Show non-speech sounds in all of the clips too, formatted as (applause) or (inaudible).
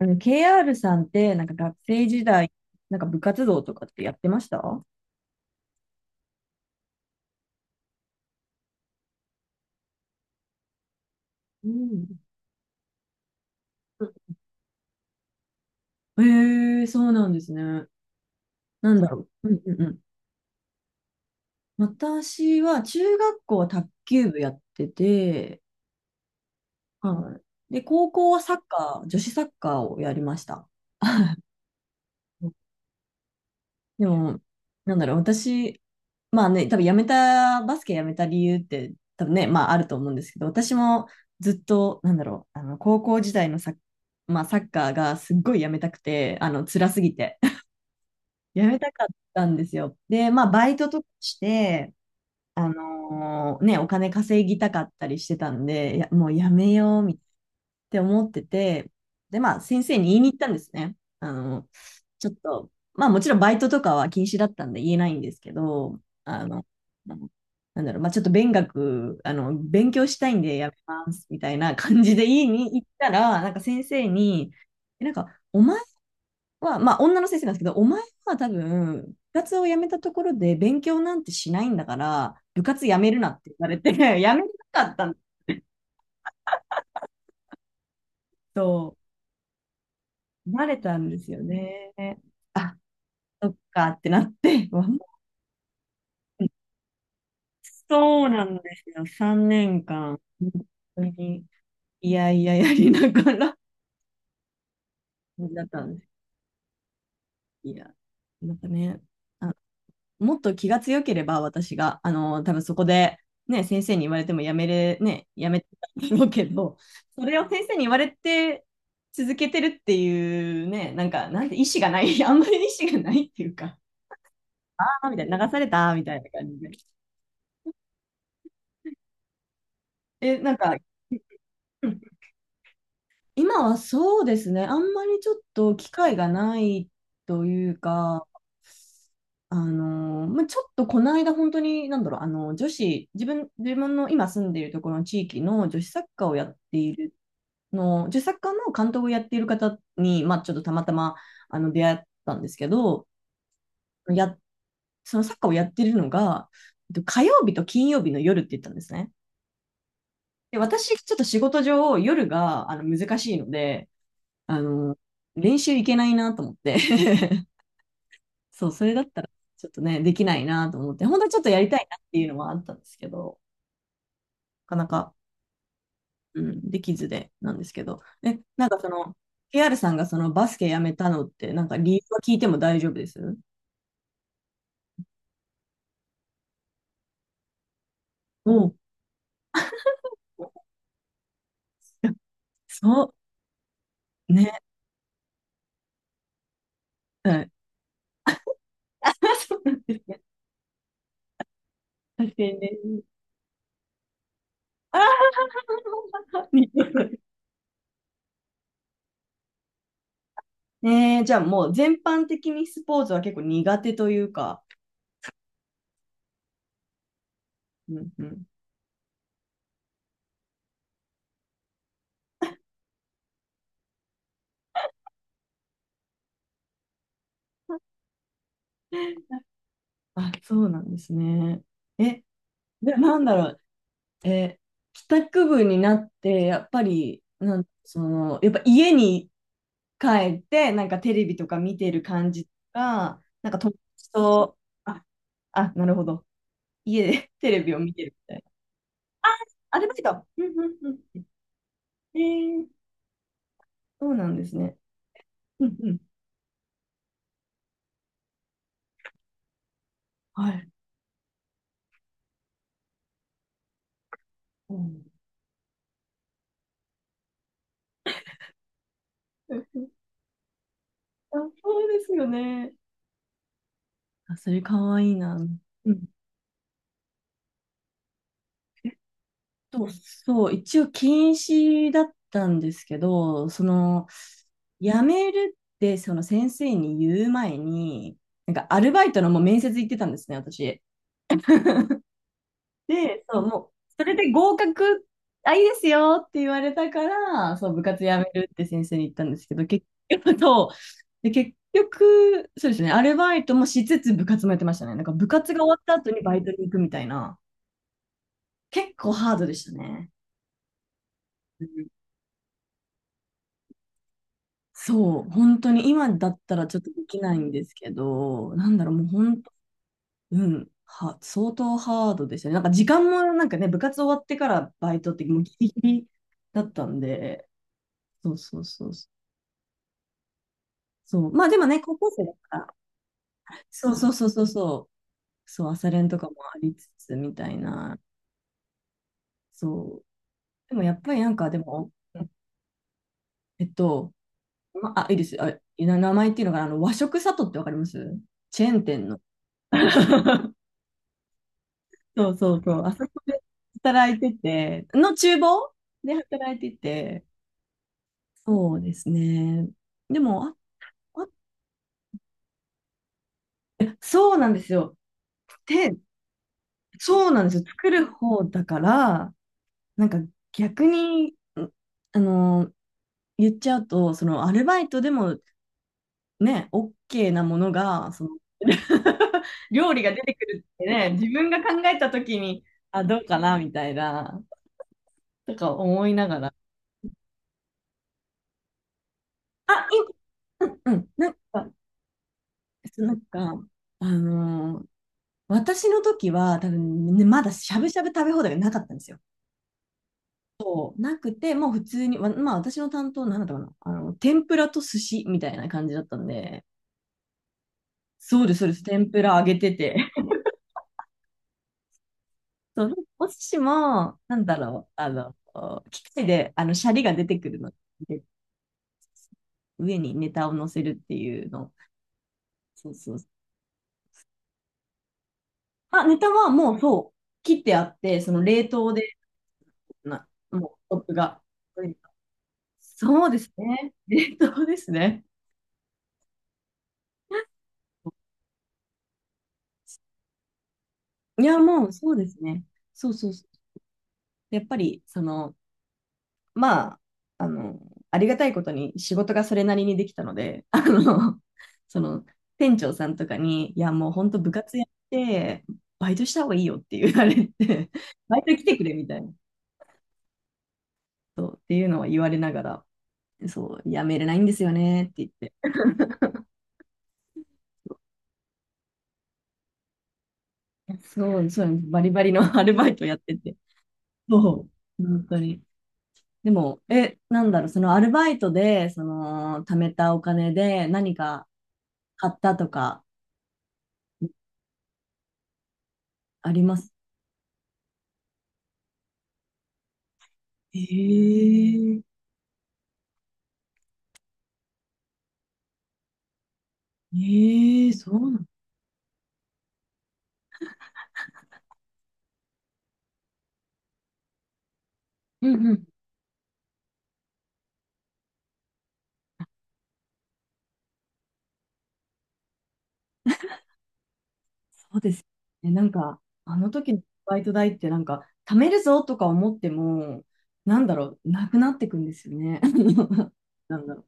KR さんって、なんか学生時代、なんか部活動とかってやってました？うん。へえ、そうなんですね。なんだろう。うんうんうん。私は中学校は卓球部やってて、はい。で、高校はサッカー、女子サッカーをやりました。(laughs) でも、なんだろう、私、まあね、多分やめた、バスケやめた理由って、多分ね、まああると思うんですけど、私もずっと、なんだろう、あの、高校時代のサッ、まあ、サッカーがすっごいやめたくて、あの、辛すぎて、(laughs) やめたかったんですよ。で、まあ、バイトとかして、お金稼ぎたかったりしてたんで、いや、もうやめようみたいなって思ってて、で、まあ、先生に言いに行ったんですね。ちょっと、まあ、もちろんバイトとかは禁止だったんで言えないんですけど、あの、なんだろう、まあ、ちょっと勉学、あの、勉強したいんでやめます、みたいな感じで言いに行ったら、なんか先生に、なんか、お前は、まあ、女の先生なんですけど、お前は多分、部活を辞めたところで勉強なんてしないんだから、部活辞めるなって言われて、(laughs) 辞めなかったと、慣れたんですよね。あ、そっかってなって、(laughs) そうなんですよ。3年間、本当に、いやいややりながら、(laughs) だったんです。いや、なんかね、あもっと気が強ければ、私が、あの、多分そこで、ね、先生に言われてもやめてたんだろうけど、それを先生に言われて続けてるっていうね、なんて意思がない、(laughs) あんまり意思がないっていうか、あーみたいな、流されたみたいな感じで。え、なんか、うん、今はそうですね、あんまりちょっと機会がないというか、まあ、ちょっとこの間本当に、なんだろう、あの、女子、自分、自分の今住んでいるところの地域の女子サッカーをやっているの、女子サッカーの監督をやっている方に、まあ、ちょっとたまたま、あの、出会ったんですけど、や、そのサッカーをやっているのが、火曜日と金曜日の夜って言ったんですね。で、私、ちょっと仕事上、夜が、あの、難しいので、あの、練習行けないなと思って。 (laughs) そう、それだったらちょっとね、できないなと思って、本当はちょっとやりたいなっていうのはあったんですけど、なかなか、うん、できずでなんですけど、え、なんかその、KR さんがそのバスケやめたのって、なんか理由は聞いても大丈夫です？おう。 (laughs) そう、ね、はい。(laughs) あ、そうなんですね。確かにね。あー、似てる。 (laughs) ねえ、じゃあもう全般的にスポーツは結構苦手というか、うんうん。あ、そうなんですね。え、で、なんだろう。え、帰宅部になって、やっぱり、なん、その、やっぱ家に帰って、なんかテレビとか見てる感じとか、なんか友達と、あ、あ、なるほど。家で (laughs) テレビを見てるみたいな。アルバイト。うんうんうん。えー、そうなんですね。うんうん。はい。うん。(laughs) あ、そうですよね。あ、それかわいいな。うん、そうそう、一応禁止だったんですけど、その、辞めるって、その先生に言う前に、なんかアルバイトのもう面接行ってたんですね、私。で、そう、もう、それで合格、あ、いいですよって言われたから、そう、部活辞めるって先生に言ったんですけど、結局と、で、結局、そうですね、アルバイトもしつつ部活もやってましたね。なんか部活が終わった後にバイトに行くみたいな、結構ハードでしたね。そう、本当に今だったらちょっとできないんですけど、なんだろう、もう本当、うん、相当ハードでしたね。なんか時間もなんかね、部活終わってからバイトってもうギリギリだったんで、そうそうそうそう。そうまあでもね、高校生だから、そうそうそうそうそう、そう、朝練とかもありつつみたいな、そう。でもやっぱりなんかでも、えっと、いいです。あ、名前っていうのがあの和食里ってわかります？チェーン店の。(laughs) そうそうそう。あそこで働いてて、厨房で、働いてて、そうですね。でも、あ、そうなんですよ。で、そうなんですよ。作る方だから、なんか逆に、あの、言っちゃうと、そのアルバイトでもね、OK なものが、その (laughs) 料理が出てくるってね、自分が考えたときに、あ、どうかなみたいな、とか思いながら。あ、いうん、うん、なんか、なんか、あのー私の時は多分、ね、まだしゃぶしゃぶ食べ放題がなかったんですよ。なくて、もう普通に、まあ私の担当、なんだったかな、あの、天ぷらと寿司みたいな感じだったんで、そうです、そうです、天ぷら揚げてて。(laughs) そうお寿司も、なんだろう、あの、機械で、あの、シャリが出てくるので、上にネタを乗せるっていうの。そうそう。あ、ネタはもうそう、切ってあって、その冷凍で、もう、トップが。うん、そうですね。(laughs) 冷凍ですね。いや、もうそうですね。そうそうそう。やっぱり、その、まあ、あの、ありがたいことに仕事がそれなりにできたので、あの、その、店長さんとかに、いや、もう本当部活やって、バイトした方がいいよって言われて、バイト来てくれみたいな、そうっていうのは言われながら、そう、やめれないんですよねって言って、そう、そう、バリバリのアルバイトやってて、そう、本当に。でも、え、なんだろう、そのアルバイトで、その、貯めたお金で何か買ったとか、あります？ええ、ええ、そうなの。うんうん。そうですね、なんか、あの時のバイト代ってなんか、貯めるぞとか思っても、なんだろう、なくなってくんですよね。(laughs) なんだろう。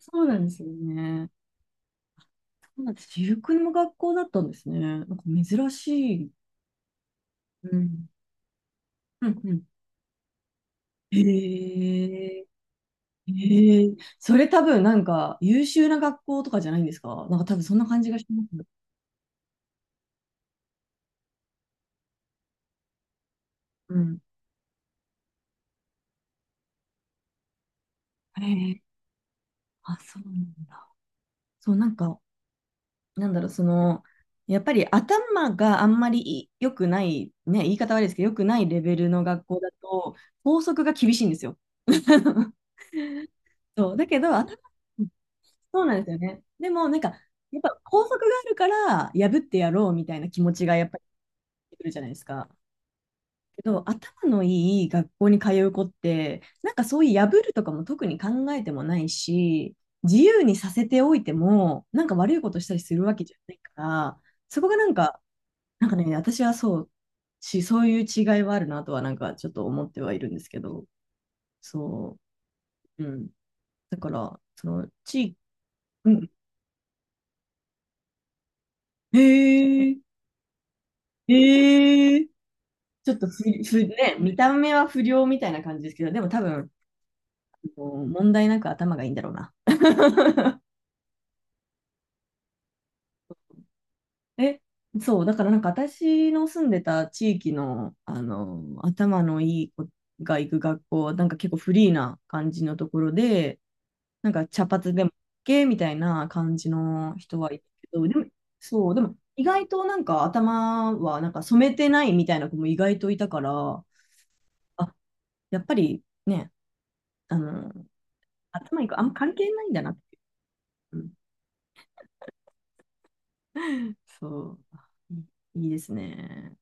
そうなんですよね。そうなんです。私服の学校だったんですね。なんか珍しい。うん。うんうん。へえ、ええ、それ多分なんか優秀な学校とかじゃないんですか？なんか多分そんな感じがします。うん。ええ、あ、そうなんだ。そう、なんか、なんだろう、その、やっぱり頭があんまり良くない、ね、言い方悪いですけど、良くないレベルの学校だと、校則が厳しいんですよ。(laughs) そう、だけど、頭、そうなんですよね。でも、なんか、やっぱ校則があるから、破ってやろうみたいな気持ちがやっぱり出てくるじゃないですか。けど、頭のいい学校に通う子って、なんかそういう破るとかも特に考えてもないし、自由にさせておいても、なんか悪いことしたりするわけじゃないから、そこがなんか、なんかね、私はそうし、そういう違いはあるなとは、なんかちょっと思ってはいるんですけど、そう、うん。だから、その、うん。へえ、へえ、ちょっとふ、ふ、ね、見た目は不良みたいな感じですけど、でも多分、もう問題なく頭がいいんだろうな。え、そう、だからなんか私の住んでた地域の、あの、頭のいい子が行く学校は、なんか結構フリーな感じのところで、なんか茶髪でも OK みたいな感じの人はいるけど、でも、そう、でも意外となんか頭はなんか染めてないみたいな子も意外といたから、あ、やっぱりね、あの、頭いい子あんま関係ないんだなって。うん、そう、いいいですね。